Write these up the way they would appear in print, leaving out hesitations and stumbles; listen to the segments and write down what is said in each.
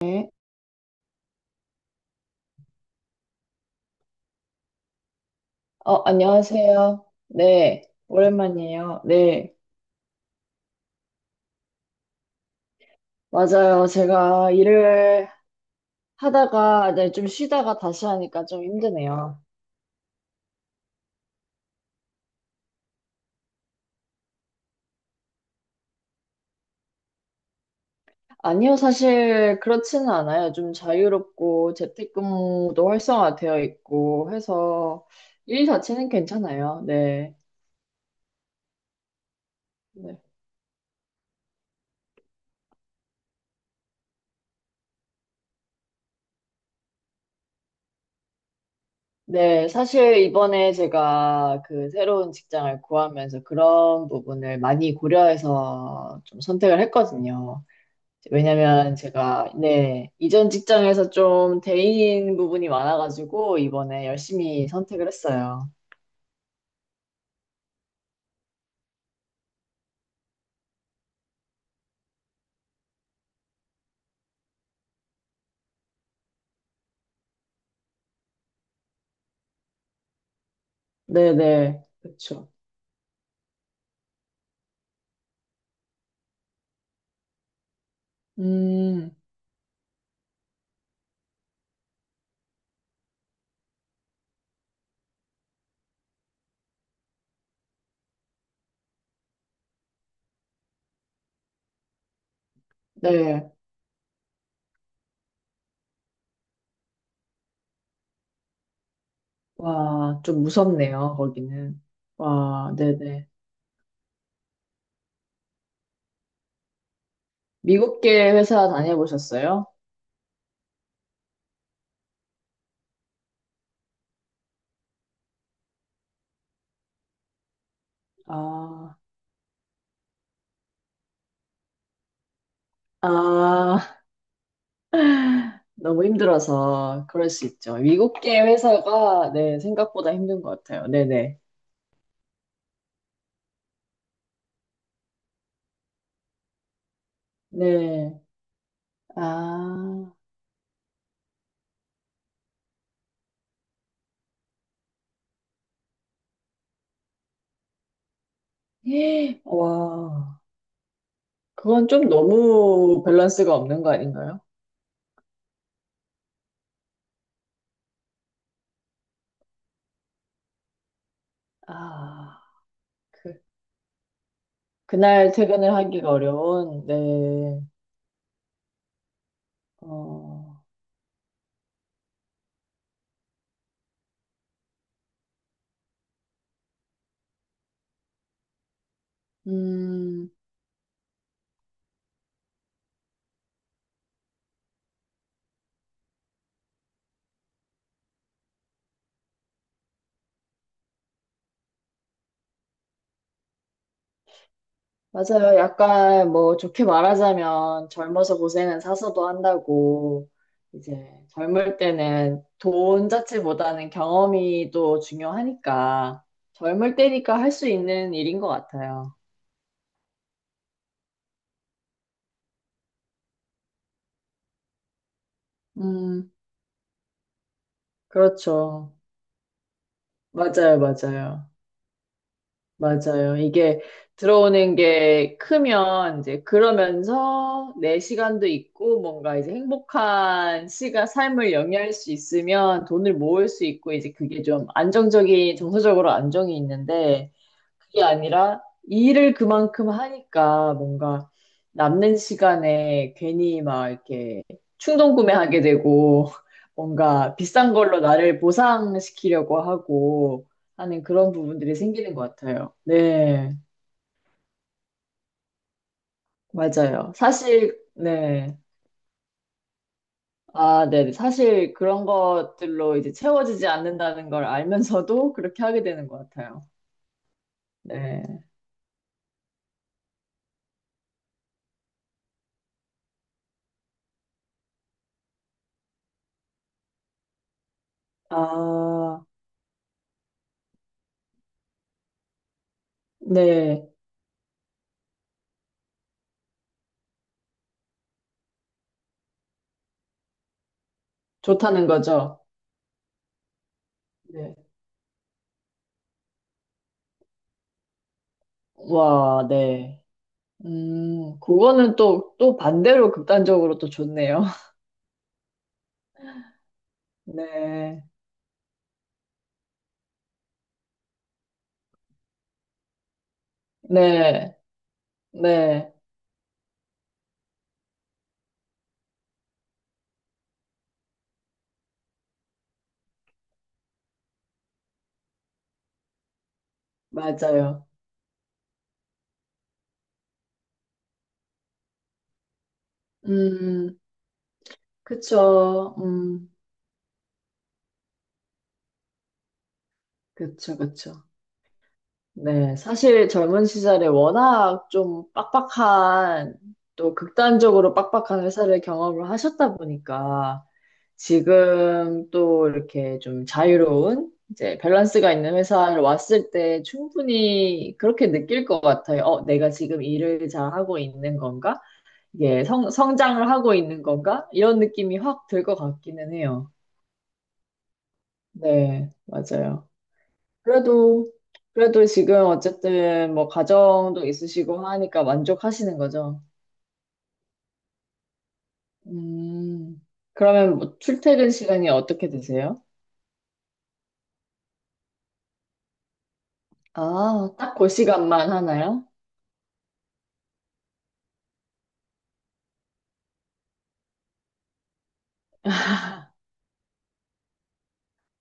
네. 안녕하세요. 네, 오랜만이에요. 네, 맞아요. 제가 일을 하다가, 네, 좀 쉬다가 다시 하니까 좀 힘드네요. 아니요, 사실 그렇지는 않아요. 좀 자유롭고 재택근무도 활성화되어 있고 해서 일 자체는 괜찮아요. 네. 네, 네, 사실 이번에 제가 그 새로운 직장을 구하면서 그런 부분을 많이 고려해서 좀 선택을 했거든요. 왜냐면 제가 네, 이전 직장에서 좀 데이인 부분이 많아가지고 이번에 열심히 선택을 했어요. 네네, 그쵸. 음, 네. 와, 좀 무섭네요, 거기는. 와, 네네. 미국계 회사 다녀보셨어요? 아, 아, 너무 힘들어서 그럴 수 있죠. 미국계 회사가 네, 생각보다 힘든 것 같아요. 네네. 네. 네. 아, 예, 와. 그건 좀 너무 밸런스가 없는 거 아닌가요? 아, 그, 그날 퇴근을 하기가 어려운, 네. 어, 음, 맞아요. 약간 뭐 좋게 말하자면 젊어서 고생은 사서도 한다고, 이제 젊을 때는 돈 자체보다는 경험이 또 중요하니까, 젊을 때니까 할 수 있는 일인 것 같아요. 음, 그렇죠. 맞아요, 맞아요. 맞아요. 이게 들어오는 게 크면 이제 그러면서 내 시간도 있고 뭔가 이제 행복한 시가 삶을 영위할 수 있으면 돈을 모을 수 있고 이제 그게 좀 안정적인 정서적으로 안정이 있는데 그게 아니라 일을 그만큼 하니까 뭔가 남는 시간에 괜히 막 이렇게 충동 구매하게 되고 뭔가 비싼 걸로 나를 보상시키려고 하고 하는 그런 부분들이 생기는 것 같아요. 네, 맞아요. 사실, 네. 아, 네. 네. 사실 그런 것들로 이제 채워지지 않는다는 걸 알면서도 그렇게 하게 되는 것 같아요. 네. 아, 네. 좋다는 거죠. 네. 와, 네. 그거는 또, 또 반대로 극단적으로 또 좋네요. 네. 네. 네. 맞아요. 음, 그쵸. 그쵸, 그쵸. 네. 사실 젊은 시절에 워낙 좀 빡빡한, 또 극단적으로 빡빡한 회사를 경험을 하셨다 보니까, 지금 또 이렇게 좀 자유로운 이제 밸런스가 있는 회사를 왔을 때 충분히 그렇게 느낄 것 같아요. 내가 지금 일을 잘 하고 있는 건가? 이게 성, 성장을 하고 있는 건가? 이런 느낌이 확 들 것 같기는 해요. 네, 맞아요. 그래도, 그래도 지금 어쨌든 뭐 가정도 있으시고 하니까 만족하시는 거죠. 음, 그러면 뭐 출퇴근 시간이 어떻게 되세요? 아, 딱 그 시간만 하나요?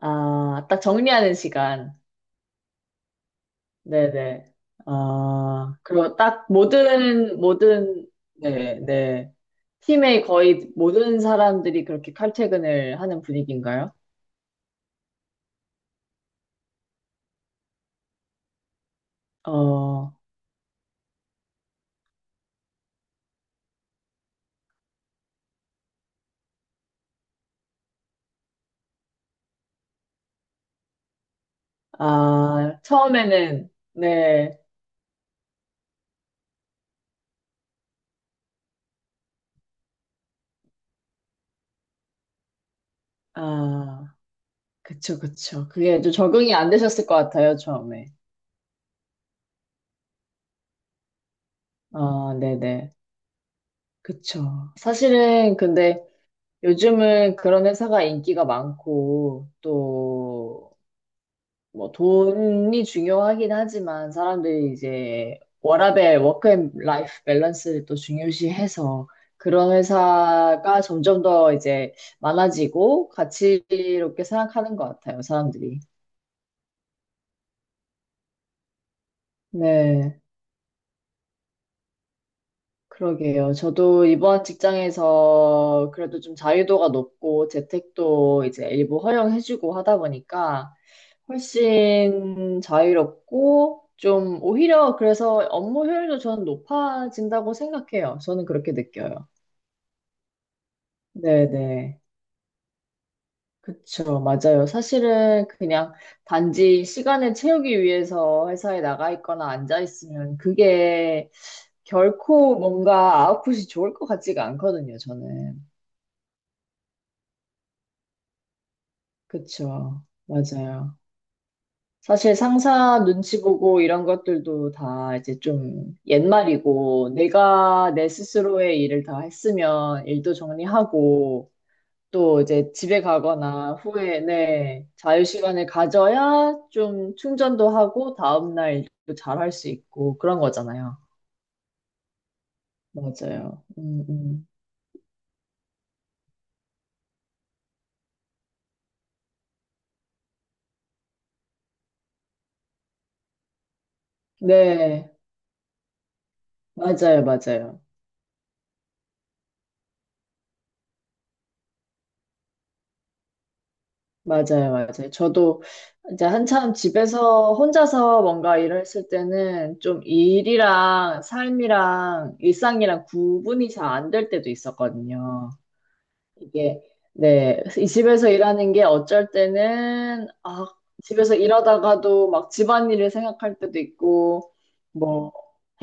아, 딱 정리하는 시간. 네네. 아, 그리고 딱 모든, 모든, 네, 네. 팀의 거의 모든 사람들이 그렇게 칼퇴근을 하는 분위기인가요? 어, 아, 처음에는, 네, 아, 그쵸, 그쵸. 그게 좀 적응이 안 되셨을 것 같아요, 처음에. 아, 네네. 그쵸. 사실은 근데 요즘은 그런 회사가 인기가 많고, 또, 뭐 돈이 중요하긴 하지만 사람들이 이제 워라밸, 워크앤 라이프 밸런스를 또 중요시해서 그런 회사가 점점 더 이제 많아지고 가치롭게 생각하는 것 같아요, 사람들이. 네, 그러게요. 저도 이번 직장에서 그래도 좀 자유도가 높고 재택도 이제 일부 허용해주고 하다 보니까 훨씬 자유롭고 좀 오히려 그래서 업무 효율도 저는 높아진다고 생각해요. 저는 그렇게 느껴요. 네네. 그쵸. 맞아요. 사실은 그냥 단지 시간을 채우기 위해서 회사에 나가 있거나 앉아 있으면 그게 결코 뭔가 아웃풋이 좋을 것 같지가 않거든요. 저는. 그쵸. 맞아요. 사실 상사 눈치 보고 이런 것들도 다 이제 좀 옛말이고, 내가 내 스스로의 일을 다 했으면 일도 정리하고, 또 이제 집에 가거나 후에, 네, 자유시간을 가져야 좀 충전도 하고, 다음날 일도 잘 할 수 있고, 그런 거잖아요. 맞아요. 네, 맞아요, 맞아요. 맞아요, 맞아요. 저도 이제 한참 집에서 혼자서 뭔가 일을 했을 때는 좀 일이랑 삶이랑 일상이랑 구분이 잘 안 될 때도 있었거든요. 이게, 네. 이 집에서 일하는 게 어쩔 때는, 아, 집에서 일하다가도 막 집안일을 생각할 때도 있고, 뭐,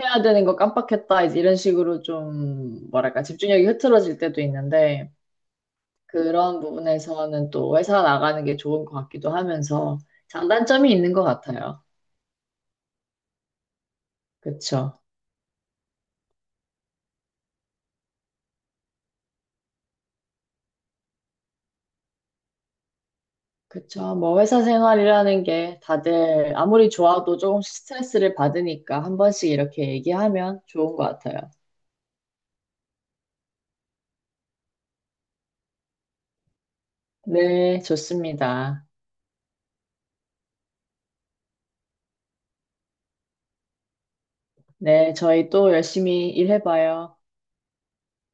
해야 되는 거 깜빡했다, 이제 이런 식으로 좀, 뭐랄까, 집중력이 흐트러질 때도 있는데, 그런 부분에서는 또 회사 나가는 게 좋은 것 같기도 하면서 장단점이 있는 것 같아요. 그쵸. 그쵸. 뭐 회사 생활이라는 게 다들 아무리 좋아도 조금씩 스트레스를 받으니까 한 번씩 이렇게 얘기하면 좋은 것 같아요. 네, 좋습니다. 네, 저희 또 열심히 일해봐요.